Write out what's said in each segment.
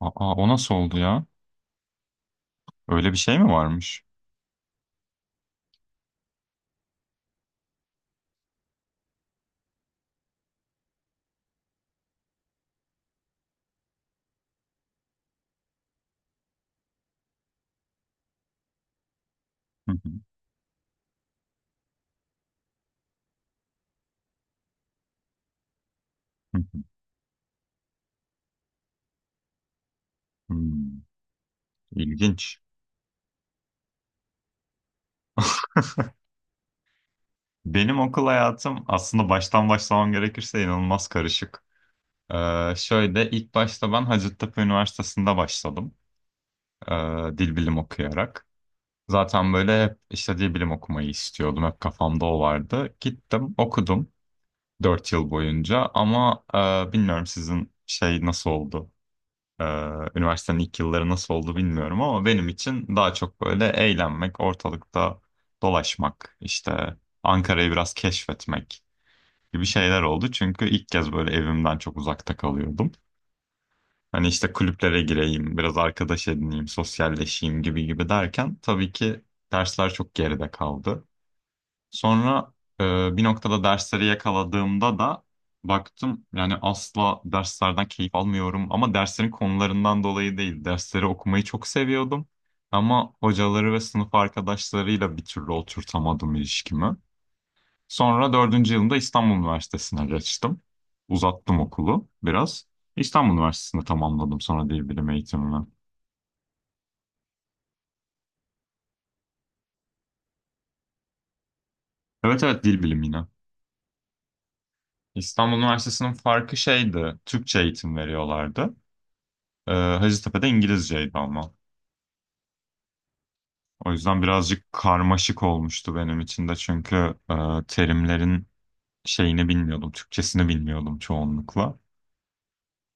Aa, o nasıl oldu ya? Öyle bir şey mi varmış? Hı hı, hı hı. Hmm, İlginç. Benim okul hayatım aslında baştan başlamam gerekirse inanılmaz karışık. Şöyle ilk başta ben Hacettepe Üniversitesi'nde başladım. Dil bilim okuyarak. Zaten böyle hep işte dil bilim okumayı istiyordum. Hep kafamda o vardı. Gittim okudum 4 yıl boyunca ama bilmiyorum sizin şey nasıl oldu? Ee, Üniversitenin ilk yılları nasıl oldu bilmiyorum ama benim için daha çok böyle eğlenmek, ortalıkta dolaşmak, işte Ankara'yı biraz keşfetmek gibi şeyler oldu. Çünkü ilk kez böyle evimden çok uzakta kalıyordum. Hani işte kulüplere gireyim, biraz arkadaş edineyim, sosyalleşeyim gibi gibi derken tabii ki dersler çok geride kaldı. Sonra bir noktada dersleri yakaladığımda da baktım yani asla derslerden keyif almıyorum ama derslerin konularından dolayı değil. Dersleri okumayı çok seviyordum ama hocaları ve sınıf arkadaşlarıyla bir türlü oturtamadım ilişkimi. Sonra dördüncü yılımda İstanbul Üniversitesi'ne geçtim. Uzattım okulu biraz. İstanbul Üniversitesi'nde tamamladım sonra dil bilimi eğitimimi. Evet, evet, dil bilimi yine. İstanbul Üniversitesi'nin farkı şeydi, Türkçe eğitim veriyorlardı. Hacettepe'de İngilizceydi ama. O yüzden birazcık karmaşık olmuştu benim için de çünkü e, terimlerin şeyini bilmiyordum, Türkçesini bilmiyordum çoğunlukla.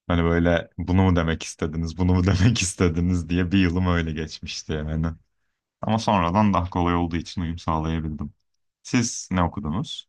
Hani böyle bunu mu demek istediniz, bunu mu demek istediniz diye bir yılım öyle geçmişti yani. Ama sonradan daha kolay olduğu için uyum sağlayabildim. Siz ne okudunuz?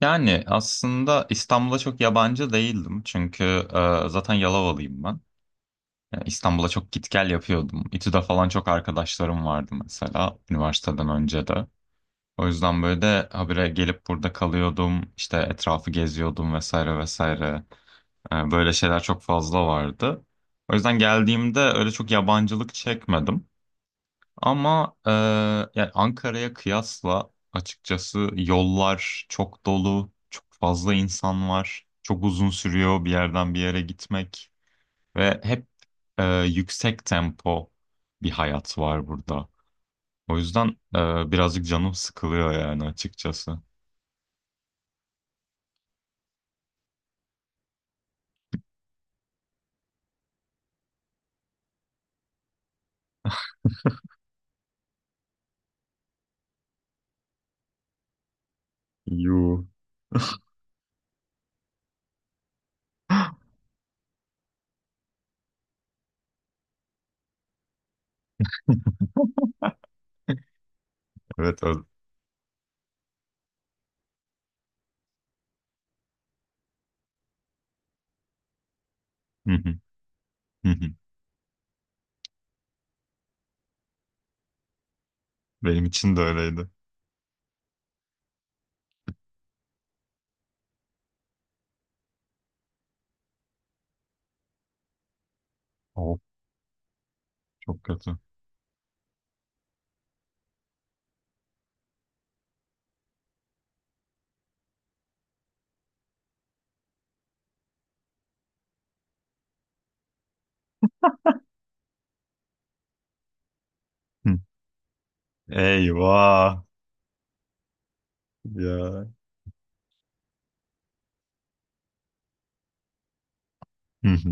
Yani aslında İstanbul'a çok yabancı değildim çünkü zaten Yalovalıyım ben. Yani İstanbul'a çok git gel yapıyordum. İTÜ'de falan çok arkadaşlarım vardı mesela üniversiteden önce de. O yüzden böyle de habire gelip burada kalıyordum. İşte etrafı geziyordum vesaire vesaire. Böyle şeyler çok fazla vardı. O yüzden geldiğimde öyle çok yabancılık çekmedim. Ama yani Ankara'ya kıyasla açıkçası yollar çok dolu, çok fazla insan var. Çok uzun sürüyor bir yerden bir yere gitmek. Ve hep yüksek tempo bir hayat var burada. O yüzden birazcık canım sıkılıyor yani açıkçası. Yuu. Evet. Hı hı, hı hı. Benim için de öyleydi. Of, çok kötü. Hı. Eyvah. Ya. Hı hı.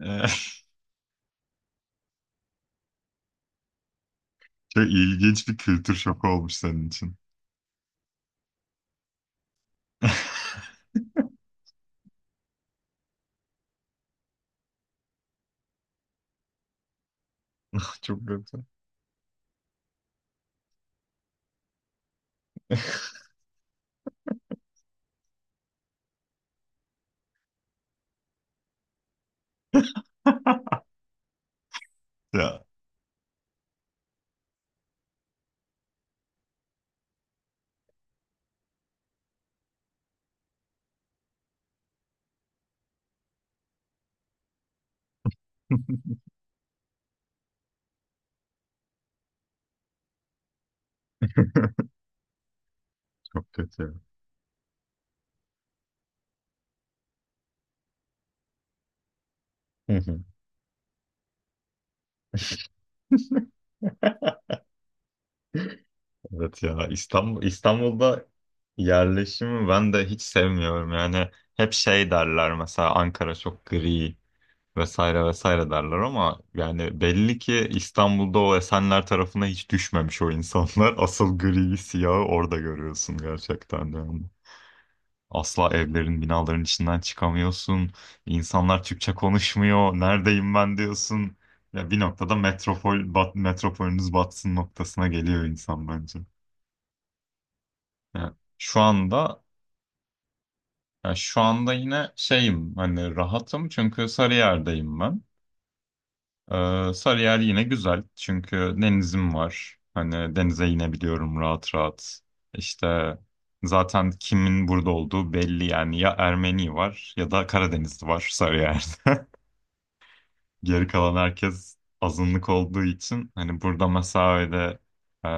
E, Çok ilginç bir kültür şoku olmuş senin için. Çok kötü. Ya. Çok kötü. Hı hı. Evet ya, İstanbul'da yerleşimi ben de hiç sevmiyorum. Yani hep şey derler mesela Ankara çok gri vesaire vesaire derler ama yani belli ki İstanbul'da o Esenler tarafına hiç düşmemiş o insanlar. Asıl griyi siyahı orada görüyorsun gerçekten de yani. Asla evlerin binaların içinden çıkamıyorsun. İnsanlar Türkçe konuşmuyor. Neredeyim ben diyorsun. Ya bir noktada metropolünüz batsın noktasına geliyor insan bence. Yani şu anda yani şu anda yine şeyim hani rahatım çünkü Sarıyer'deyim ben. Sarıyer yine güzel çünkü denizim var. Hani denize inebiliyorum rahat rahat. İşte zaten kimin burada olduğu belli yani ya Ermeni var ya da Karadenizli var Sarıyer'de. Geri kalan herkes azınlık olduğu için hani burada mesela öyle e,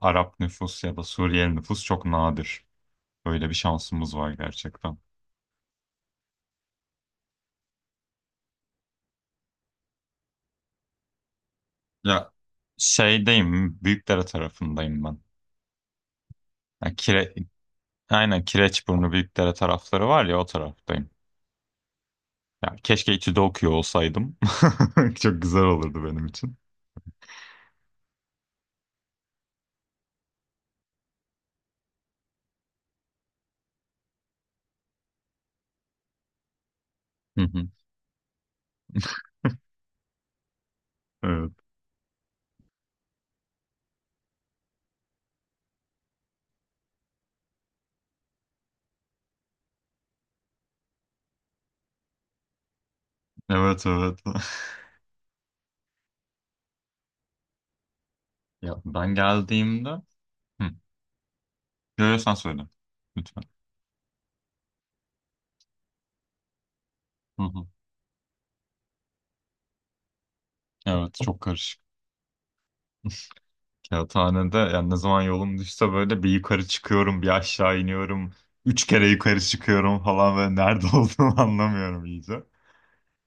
Arap nüfus ya da Suriyeli nüfus çok nadir. Böyle bir şansımız var gerçekten. Ya şeydeyim, Büyükdere tarafındayım ben. Ya aynen Kireçburnu Büyükdere tarafları var ya o taraftayım. Ya keşke İTÜ'de okuyor olsaydım. Çok güzel olurdu benim için. Hı hı. Evet, evet, evet. Ya ben geldiğimde, hı, görüyorsan söyle lütfen. Hı hı. Evet, çok karışık. Kağıthanede yani ne zaman yolum düşse böyle bir yukarı çıkıyorum, bir aşağı iniyorum. Üç kere yukarı çıkıyorum falan ve nerede olduğumu anlamıyorum iyice.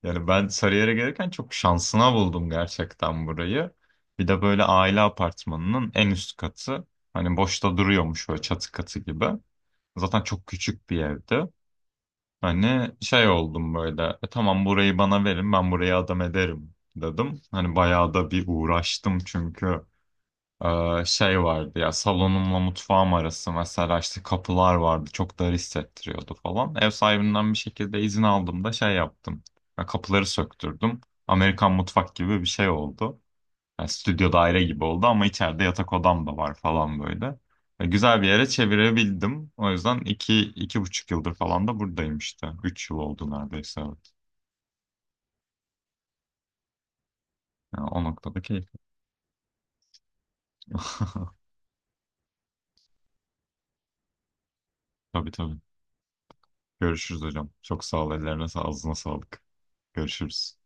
Yani ben Sarıyer'e gelirken çok şansına buldum gerçekten burayı. Bir de böyle aile apartmanının en üst katı. Hani boşta duruyormuş böyle çatı katı gibi. Zaten çok küçük bir evdi. Hani şey oldum böyle. "E tamam, burayı bana verin ben burayı adam ederim" dedim. Hani bayağı da bir uğraştım çünkü. Şey vardı ya, salonumla mutfağım arası mesela işte kapılar vardı, çok dar hissettiriyordu falan. Ev sahibinden bir şekilde izin aldım da şey yaptım. Ya kapıları söktürdüm. Amerikan mutfak gibi bir şey oldu. Ya stüdyo daire gibi oldu ama içeride yatak odam da var falan böyle. Ya güzel bir yere çevirebildim. O yüzden 2, 2,5 yıldır falan da buradayım işte. 3 yıl oldu neredeyse, evet. Ya o noktada keyifli. Tabii tabii. Görüşürüz hocam. Çok sağ ol. Ellerine sağ, ağzına sağlık. Görüşürüz.